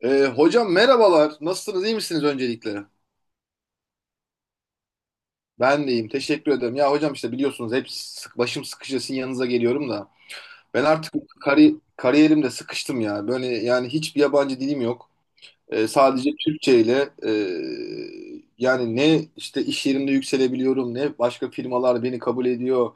Hocam merhabalar. Nasılsınız? İyi misiniz öncelikle? Ben de iyiyim. Teşekkür ederim. Ya hocam işte biliyorsunuz hep başım sıkışıyor sizin yanınıza geliyorum da. Ben artık kariyerimde sıkıştım ya. Böyle yani hiçbir yabancı dilim yok. Sadece Türkçe ile yani ne işte iş yerimde yükselebiliyorum ne başka firmalar beni kabul ediyor.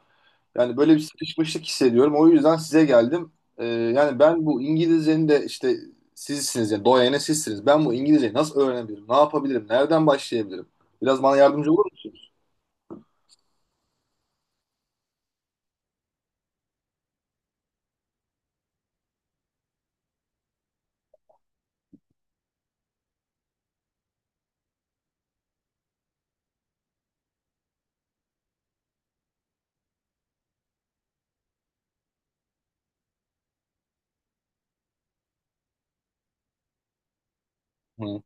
Yani böyle bir sıkışmışlık hissediyorum. O yüzden size geldim. Yani ben bu İngilizcenin de işte sizsiniz yani doyene sizsiniz. Ben bu İngilizceyi nasıl öğrenebilirim? Ne yapabilirim? Nereden başlayabilirim? Biraz bana yardımcı olur musunuz? Hı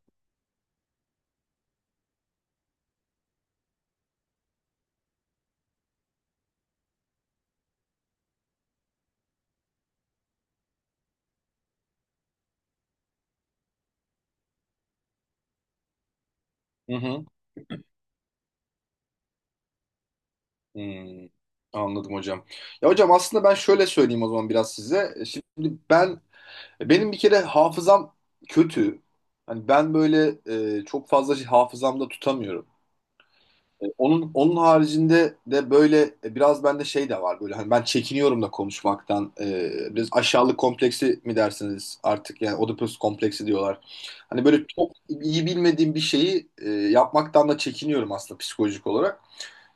hı. Hı. Hmm. Anladım hocam. Ya hocam aslında ben şöyle söyleyeyim o zaman biraz size. Şimdi benim bir kere hafızam kötü. Hani ben böyle çok fazla şey hafızamda tutamıyorum. Onun haricinde de böyle biraz bende şey de var, böyle hani ben çekiniyorum da konuşmaktan. Biraz aşağılık kompleksi mi dersiniz artık, yani Oedipus kompleksi diyorlar. Hani böyle çok iyi bilmediğim bir şeyi yapmaktan da çekiniyorum aslında, psikolojik olarak.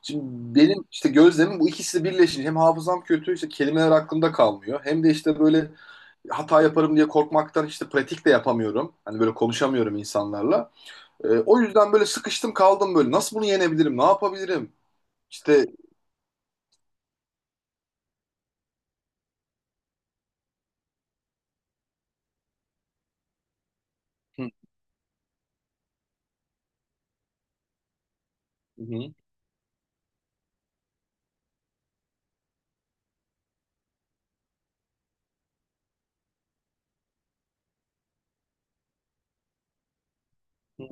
Şimdi benim işte gözlemim, bu ikisi birleşince hem hafızam kötü, işte kelimeler aklımda kalmıyor, hem de işte böyle hata yaparım diye korkmaktan işte pratik de yapamıyorum. Hani böyle konuşamıyorum insanlarla. O yüzden böyle sıkıştım kaldım böyle. Nasıl bunu yenebilirim? Ne yapabilirim? İşte. Hı hı. Hı.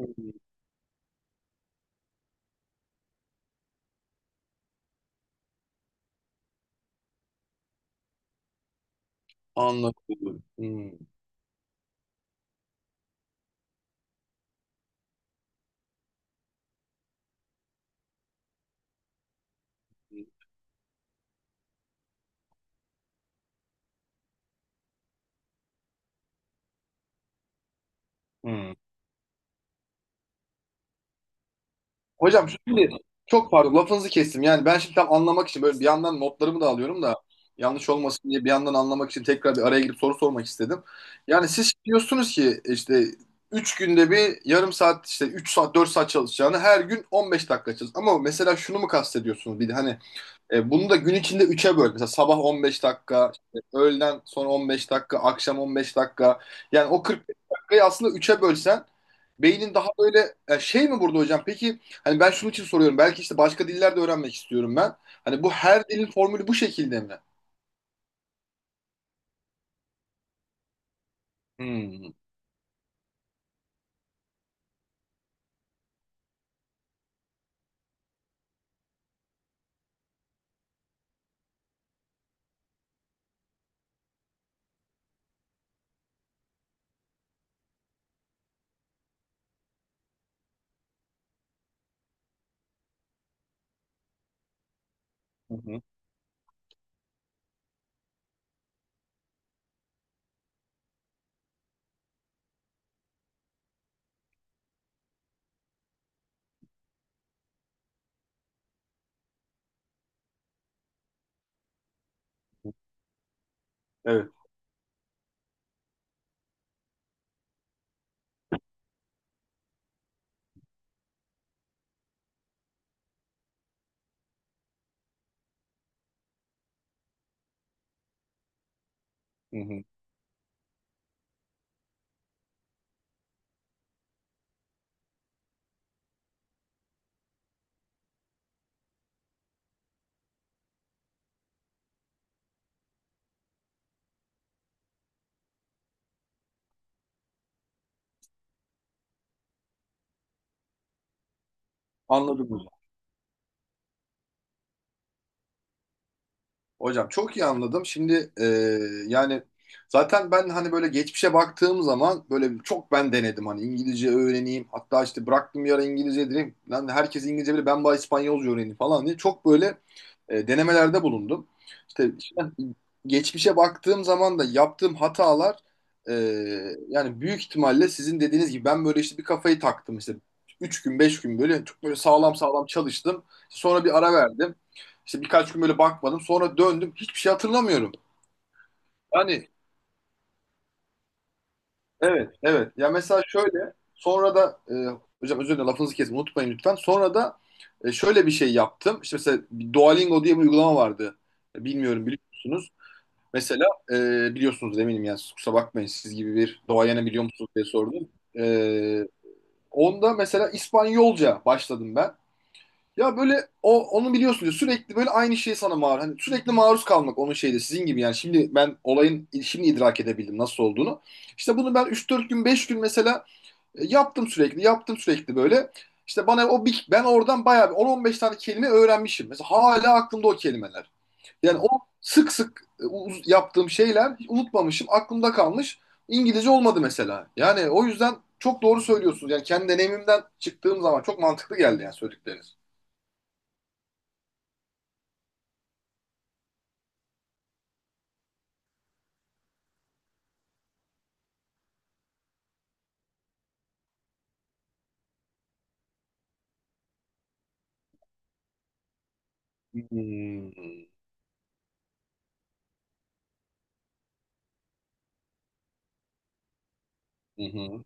Anladım. Hı. Hı. Hocam şimdi, çok pardon lafınızı kestim. Yani ben şimdi tam anlamak için böyle bir yandan notlarımı da alıyorum da, yanlış olmasın diye bir yandan anlamak için tekrar bir araya girip soru sormak istedim. Yani siz diyorsunuz ki işte 3 günde bir yarım saat, işte 3 saat 4 saat çalışacağını her gün 15 dakika çalış. Ama mesela şunu mu kastediyorsunuz bir de, hani bunu da gün içinde üç'e böl. Mesela sabah 15 dakika, işte öğleden sonra 15 dakika, akşam 15 dakika. Yani o 45 dakikayı aslında üç'e bölsen beynin daha böyle şey mi burada hocam? Peki, hani ben şunun için soruyorum. Belki işte başka diller de öğrenmek istiyorum ben. Hani bu her dilin formülü bu şekilde mi? Hmm. Hı hı. Evet. Hı hı. Anladım hocam, çok iyi anladım. Şimdi yani zaten ben hani böyle geçmişe baktığım zaman böyle çok ben denedim hani İngilizce öğreneyim. Hatta işte bıraktım bir ara İngilizce, dedim lan herkes İngilizce bilir ben bari İspanyolca öğreneyim falan diye. Çok böyle denemelerde bulundum. İşte geçmişe baktığım zaman da yaptığım hatalar, e, yani büyük ihtimalle sizin dediğiniz gibi, ben böyle işte bir kafayı taktım, işte 3 gün 5 gün böyle çok böyle sağlam sağlam çalıştım. Sonra bir ara verdim. İşte birkaç gün böyle bakmadım. Sonra döndüm. Hiçbir şey hatırlamıyorum. Yani evet, evet. Ya mesela şöyle, sonra da hocam özür dilerim lafınızı kesin unutmayın lütfen. Sonra da şöyle bir şey yaptım. İşte mesela bir Duolingo diye bir uygulama vardı. Bilmiyorum, biliyor musunuz? Mesela e, biliyorsunuz eminim, yani siz kusura bakmayın, siz gibi bir doğayana biliyor musunuz diye sordum. E, onda mesela İspanyolca başladım ben. Ya böyle o onu biliyorsunuz, sürekli böyle aynı şey sana maruz. Hani sürekli maruz kalmak onun şeyde sizin gibi, yani şimdi ben olayın şimdi idrak edebildim nasıl olduğunu. İşte bunu ben üç dört gün 5 gün mesela yaptım, sürekli yaptım sürekli böyle. İşte bana o bir, ben oradan bayağı bir 10-15 tane kelime öğrenmişim. Mesela hala aklımda o kelimeler. Yani o sık sık yaptığım şeyler hiç unutmamışım, aklımda kalmış. İngilizce olmadı mesela. Yani o yüzden çok doğru söylüyorsunuz. Yani kendi deneyimimden çıktığım zaman çok mantıklı geldi yani söyledikleriniz. Hmm. Hı hı.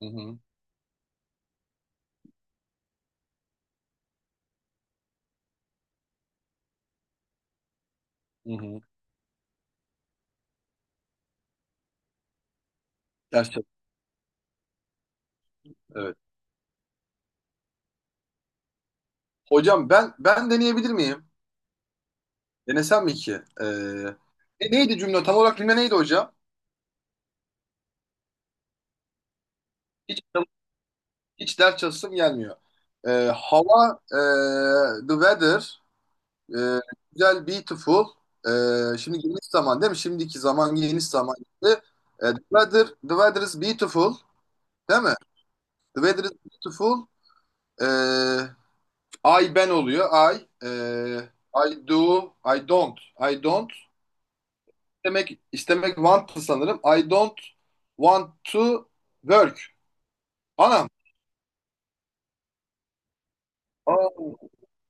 Hı hı. Hı hı. Gerçekten evet. Hocam ben deneyebilir miyim? Denesem mi ki? Ee, neydi cümle? Tam olarak cümle neydi hocam? Hiç hiç ders çalışasım gelmiyor. Hava, the weather. Ee, güzel, beautiful. Şimdi geniş zaman değil mi? Şimdiki zaman, geniş zaman. Ee, the weather, the weather, is beautiful. Değil mi? The weather is beautiful. Ee, I, ben oluyor. I. I do. I don't. I don't. İstemek, want to, sanırım. I don't want to work. Anam. Aa,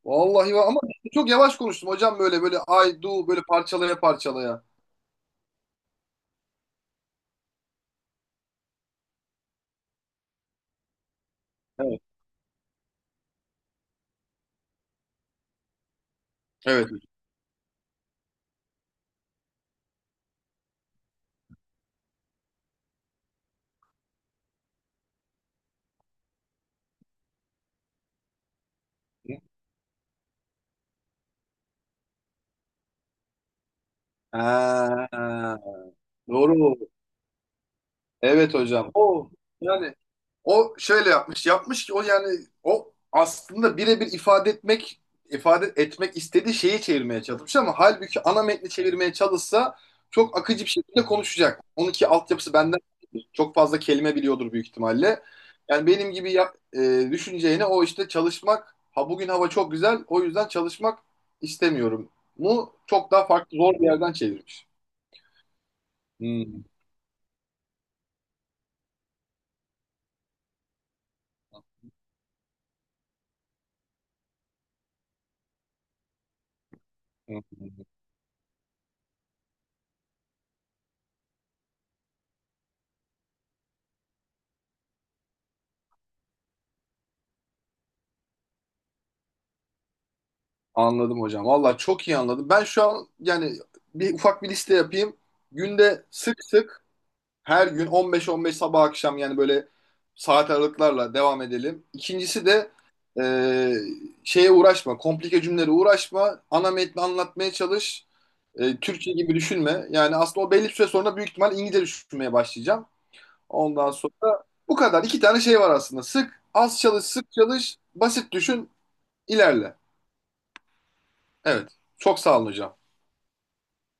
vallahi ama çok yavaş konuştum hocam, böyle böyle I do, böyle parçalaya parçalaya. Evet. Evet. Ha. Doğru. Evet hocam. O yani o şöyle yapmış. Yapmış ki o, yani o aslında birebir ifade etmek, istediği şeyi çevirmeye çalışmış, ama halbuki ana metni çevirmeye çalışsa çok akıcı bir şekilde konuşacak. Onunki altyapısı benden çok fazla kelime biliyordur büyük ihtimalle. Yani benim gibi düşüneceğine, o işte çalışmak, ha bugün hava çok güzel o yüzden çalışmak istemiyorum. Mu çok daha farklı, zor bir yerden çevirmiş. Hmm. Anladım hocam. Valla çok iyi anladım. Ben şu an, yani bir ufak bir liste yapayım. Günde sık sık, her gün 15-15, sabah akşam, yani böyle saat aralıklarla devam edelim. İkincisi de e, şeye uğraşma, komplike cümlelere uğraşma. Ana metni anlatmaya çalış. Türkçe gibi düşünme. Yani aslında o, belli bir süre sonra büyük ihtimal İngilizce düşünmeye başlayacağım. Ondan sonra bu kadar. İki tane şey var aslında. Sık, az çalış, sık çalış, basit düşün, ilerle. Evet. Çok sağ olun hocam.